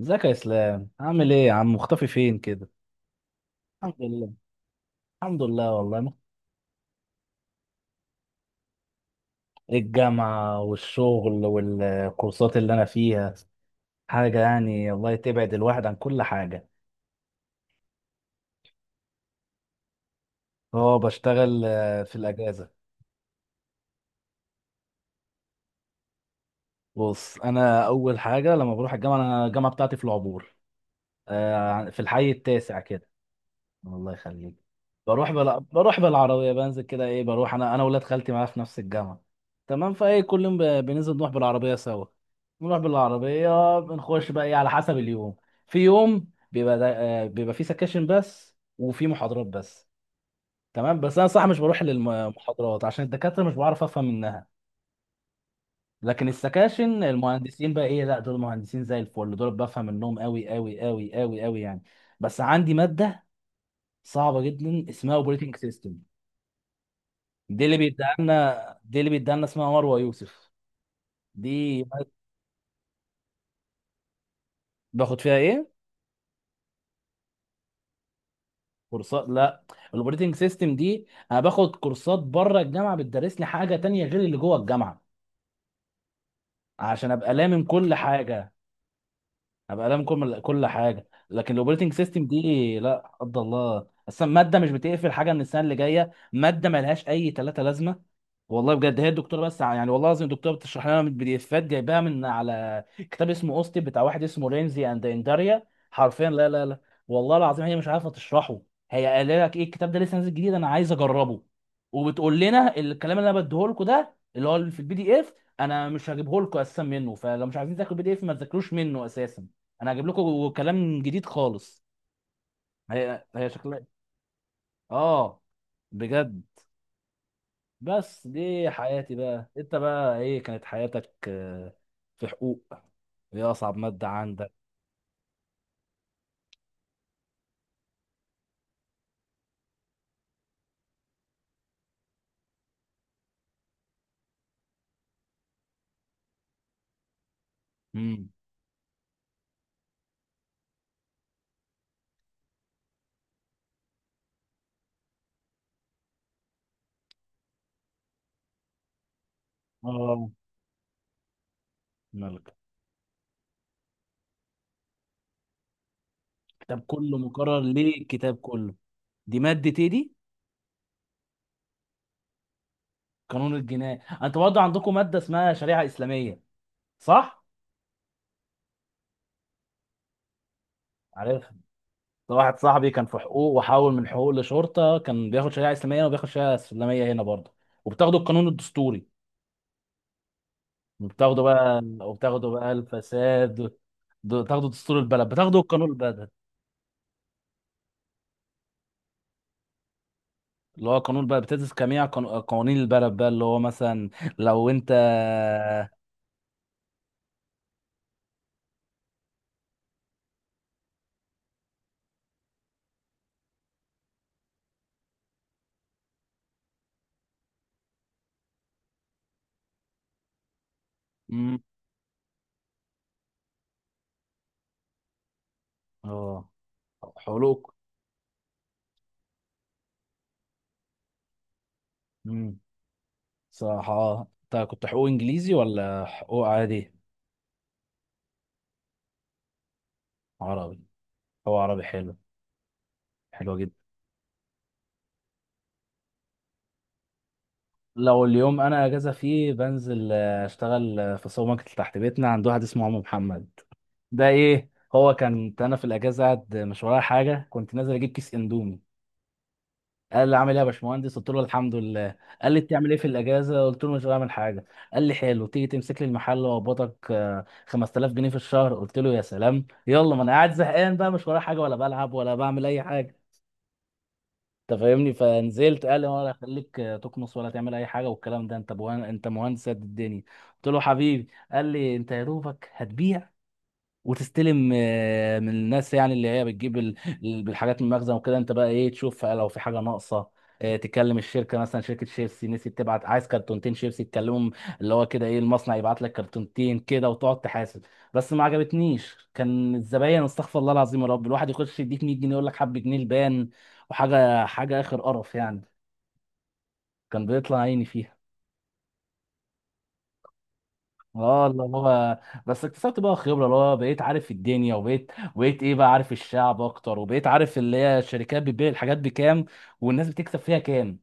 ازيك يا اسلام؟ عامل ايه يا عم؟ مختفي فين كده؟ الحمد لله. الحمد لله والله الجامعة والشغل والكورسات اللي انا فيها حاجة، يعني الله تبعد الواحد عن كل حاجة. اه بشتغل، في الاجازة. بص، انا اول حاجة لما بروح الجامعة، انا الجامعة بتاعتي في العبور، في الحي التاسع كده. الله يخليك. بروح بالعربيه، بنزل كده، ايه، بروح انا ولاد خالتي معايا في نفس الجامعه. تمام، فايه كل يوم بننزل نروح بالعربيه سوا. نروح بالعربيه، بنخش بقى ايه على حسب اليوم. في يوم بيبقى فيه سكاشن بس، وفي محاضرات بس. تمام. بس انا صح مش بروح للمحاضرات عشان الدكاتره مش بعرف افهم منها، لكن السكاشن المهندسين بقى، ايه، لا دول مهندسين زي الفل، دول بفهم منهم قوي قوي قوي قوي قوي يعني. بس عندي ماده صعبه جدا اسمها اوبريتنج سيستم. دي اللي بيديها لنا اسمها مروه يوسف. دي باخد فيها ايه؟ كورسات؟ لا، الاوبريتنج سيستم دي انا باخد كورسات بره الجامعه بتدرس لي حاجه تانية غير اللي جوه الجامعه، عشان ابقى لامم كل حاجه. ابقى لامم كل حاجه. لكن الاوبريتنج سيستم دي لا قدر الله، اصلا ماده مش بتقفل حاجه من السنه اللي جايه، ماده ملهاش اي ثلاثه لازمه. والله بجد، هي الدكتوره بس يعني والله العظيم الدكتوره بتشرح لنا من البي دي افات، جايباها من على كتاب اسمه اوستن، بتاع واحد اسمه رينزي اند انداريا. حرفيا لا لا لا، والله العظيم هي مش عارفه تشرحه. هي قال لك ايه: الكتاب ده لسه نازل جديد انا عايز اجربه. وبتقول لنا الكلام اللي انا بديه لكم ده اللي هو في البي دي اف، انا مش هجيبه لكم اساسا منه، فلو مش عايزين تاكلوا البي دي اف ما تذاكروش منه اساسا، انا هجيب لكم كلام جديد خالص. هي شكلها. اه بجد. بس دي حياتي بقى، انت بقى، ايه، كانت حياتك؟ آه، في حقوق، ايه اصعب مادة عندك؟ امم. اه، مالك؟ كتاب كله مكرر ليه؟ الكتاب كله؟ دي مادة ايه دي؟ قانون الجناية. انتوا برضه عندكم مادة اسمها شريعة اسلامية، صح؟ عارف، ده واحد صاحبي كان في حقوق وحول من حقوق لشرطة، كان بياخد شريعة اسلامية، وبياخد شريعة اسلامية هنا برضه. وبتاخدوا القانون الدستوري، وبتاخدوا بقى، وبتاخدوا بقى الفساد، بتاخدوا دستور البلد، بتاخدوا القانون البلد، اللي هو قانون بقى بتدرس جميع قوانين البلد بقى، اللي هو مثلا لو انت، مم. اه، حقوق. امم. صح، اه انت كنت حقوق انجليزي ولا حقوق عادي؟ عربي؟ هو عربي حلو، حلو جدا. لو اليوم انا اجازه فيه، بنزل اشتغل، في سوبر ماركت تحت بيتنا عند واحد اسمه عم محمد. ده ايه هو، كان انا في الاجازه قاعد مش ورايا حاجه، كنت نازل اجيب كيس اندومي، قال لي عامل ايه يا باشمهندس؟ قلت له الحمد لله. قال لي بتعمل ايه في الاجازه؟ قلت له مش بعمل حاجه. قال لي حلو، تيجي تمسك لي المحل واقبضك، 5000 جنيه في الشهر. قلت له يا سلام، يلا، ما انا قاعد زهقان بقى، مش ورايا حاجه، ولا بلعب ولا بعمل اي حاجه، انت فاهمني. فنزلت قال لي، ولا هخليك تكنس ولا تعمل اي حاجه والكلام ده، انت انت مهندس قد الدنيا. قلت له حبيبي. قال لي انت يا دوبك هتبيع وتستلم، من الناس يعني اللي هي بتجيب الحاجات من المخزن وكده، انت بقى ايه، تشوف لو في حاجه ناقصه، تكلم الشركه، مثلا شركه شيبسي نسيت تبعت، عايز كرتونتين شيبسي، تكلمهم، اللي هو كده ايه المصنع يبعت لك كرتونتين كده، وتقعد تحاسب. بس ما عجبتنيش، كان الزباين استغفر الله العظيم، يا رب، الواحد يخش يديك 100 جنيه يقول لك حب جنيه البان وحاجه حاجه، اخر قرف يعني، كان بيطلع عيني فيها. اه اللي هو، بس اكتسبت بقى خبره، اللي هو بقيت عارف الدنيا، وبقيت ايه بقى، عارف الشعب اكتر، وبقيت عارف اللي هي الشركات بتبيع الحاجات بكام، والناس بتكسب فيها كام،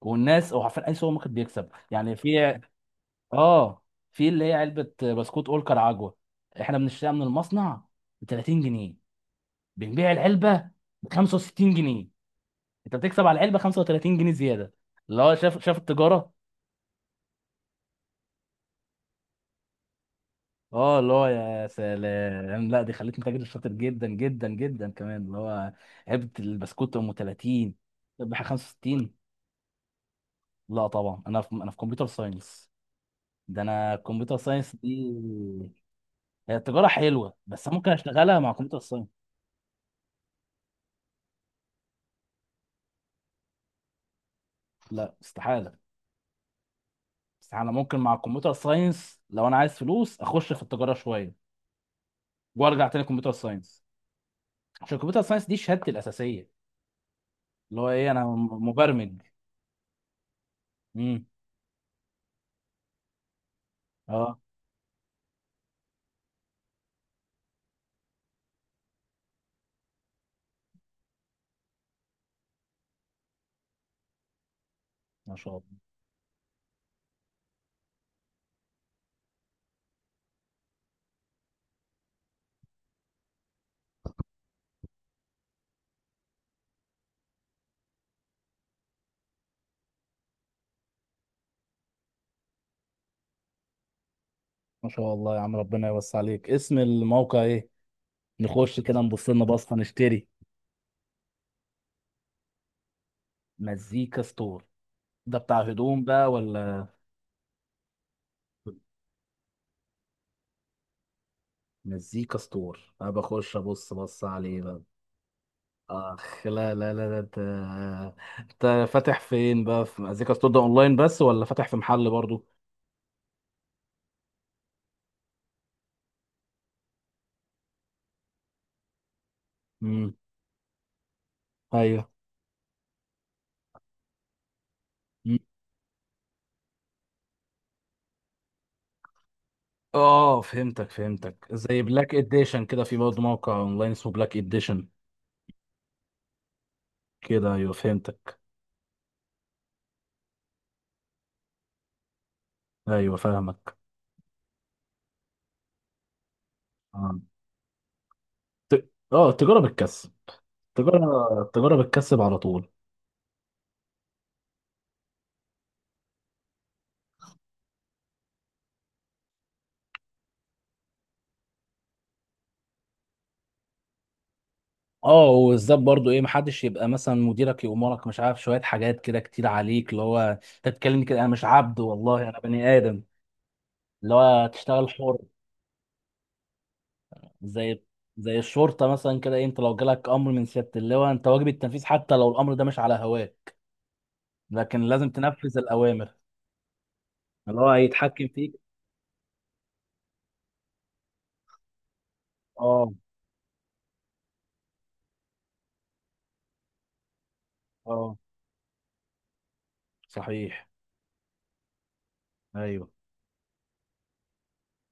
والناس او عارفين اي سوبر ماركت بيكسب يعني. في، اه، في اللي هي علبه بسكوت اولكر عجوه، احنا بنشتريها من المصنع ب 30 جنيه، بنبيع العلبه ب 65 جنيه، انت بتكسب على العلبه 35 جنيه زياده، اللي هو شاف التجاره. اه اللي هو يا سلام، لا دي خلتني تاجر شاطر جدا جدا جدا كمان، اللي هو علبه البسكوت ام 30، ربح 65. لا طبعا انا في، انا في كمبيوتر ساينس، ده انا الكمبيوتر ساينس دي. هي التجاره حلوه، بس ممكن اشتغلها مع كمبيوتر ساينس. لا استحاله، استحاله، ممكن مع الكمبيوتر ساينس لو انا عايز فلوس اخش في التجاره شويه وارجع تاني كمبيوتر ساينس، عشان الكمبيوتر ساينس دي شهادتي الاساسيه، اللي هو ايه، انا مبرمج. امم. اه. ما شاء الله، ما شاء الله يا عم، ربنا يوسع عليك. اسم الموقع ايه؟ نخش كده نبص لنا بصه نشتري. مزيكا ستور؟ ده بتاع هدوم بقى ولا؟ مزيكا ستور، انا بخش ابص، بص عليه بقى. اخ لا لا لا، ده انت، انت فاتح فين بقى في مزيكا ستور ده، اونلاين بس ولا فاتح في محل برضو؟ امم. ايوه. مم. اه، فهمتك فهمتك، زي بلاك اديشن كده، في برضه موقع اونلاين اسمه بلاك اديشن كده. ايوه فهمتك. ايوه فاهمك. آه. اه، تجارة بالكسب، التجارة، التجارة بتكسب على طول. اه، وبالذات برضو ايه، محدش يبقى مثلا مديرك يأمرك مش عارف شويه حاجات كده كتير عليك، اللي هو انت بتتكلمني كده، انا مش عبد والله، انا بني ادم. اللي هو تشتغل حر، زي، زي الشرطه مثلا كده، إيه، انت لو جالك امر من سياده اللواء انت واجب التنفيذ، حتى لو الامر ده مش على هواك لكن لازم تنفذ الاوامر، اللي هو هيتحكم فيك. اه. اه صحيح. ايوه.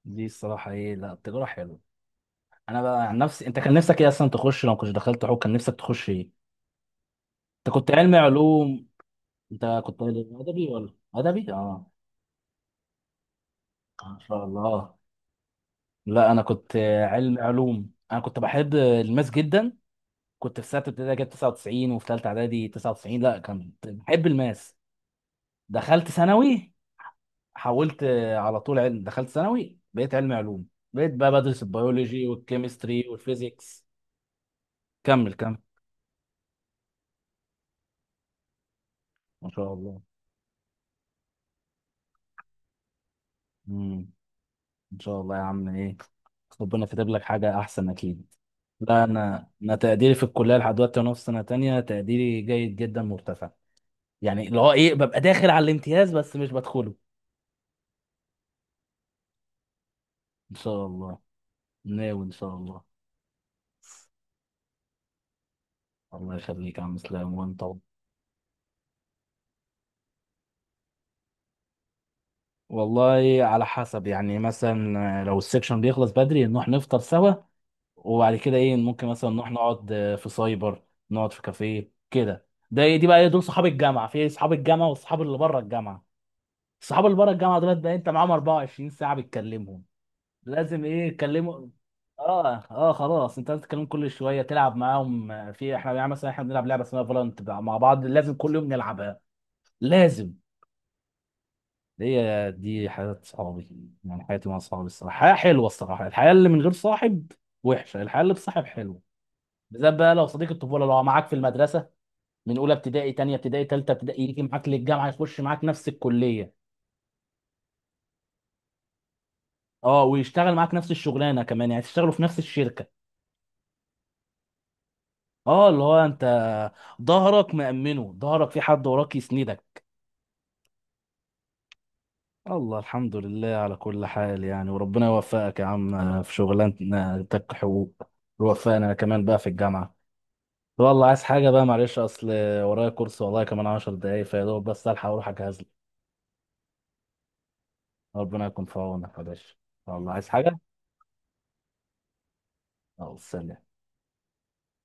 دي الصراحه ايه، لا التجاره حلوه. انا بقى عن نفسي، انت كان نفسك ايه اصلا تخش، لو كنتش دخلت حقوق كان نفسك تخش ايه؟ انت كنت علمي علوم، انت كنت ادبي ولا؟ ادبي، اه، ما شاء الله. لا انا كنت علمي علوم، انا كنت بحب الماس جدا، كنت في سنه ابتدائي جايب 99، وفي ثالثه اعدادي 99. لا كنت بحب الماس، دخلت ثانوي، حولت على طول علم، دخلت ثانوي بقيت علمي علوم، بقيت بقى بدرس البيولوجي والكيمستري والفيزيكس. كمل كمل. ما شاء الله، ان شاء الله يا عم، ايه، ربنا كاتب لك حاجه احسن اكيد. لا انا تقديري في الكليه لحد دلوقتي، وانا في سنه تانية تقديري جيد جدا مرتفع، يعني اللي هو ايه، ببقى داخل على الامتياز بس مش بدخله. ان شاء الله، ناوي ان شاء الله. الله يخليك يا عم اسلام، وانت و، والله على حسب يعني، مثلا لو السكشن بيخلص بدري نروح نفطر سوا، وبعد كده ايه ممكن مثلا نروح نقعد في سايبر، نقعد في كافيه كده، ده إيه، دي بقى إيه، دول صحاب الجامعه، في إيه، صحاب الجامعه واصحاب اللي بره الجامعه. الصحاب اللي بره الجامعه دولت بقى انت معاهم 24 ساعه بتكلمهم، لازم ايه تكلموا. اه. خلاص انت لازم تتكلم كل شويه، تلعب معاهم، في احنا يعني مثلا احنا بنلعب لعبه اسمها فالنت مع بعض، لازم كل يوم نلعبها لازم. هي دي حياه صحابي، يعني حياتي مع صحابي الصراحه حياه حلوه، الصراحه الحياه اللي من غير صاحب وحشه، الحياه اللي بصاحب حلوه. بالذات بقى لو صديق الطفوله، لو معاك في المدرسه من اولى ابتدائي، تانية ابتدائي، تالتة ابتدائي، يجي معاك للجامعه، يخش معاك نفس الكليه، اه، ويشتغل معاك نفس الشغلانه كمان، يعني تشتغلوا في نفس الشركه. اه اللي هو انت ظهرك مأمنه، ظهرك في حد وراك يسندك. الله، الحمد لله على كل حال يعني. وربنا يوفقك يا عم في شغلانتك حقوق، ويوفقنا كمان بقى في الجامعه. والله عايز حاجه بقى؟ معلش اصل ورايا كورس والله، كمان 10 دقايق فيا دوب، بس الحق اروح اجهز لي. ربنا يكون في عونك يا باشا. والله عايز حاجه؟ اه، سلام.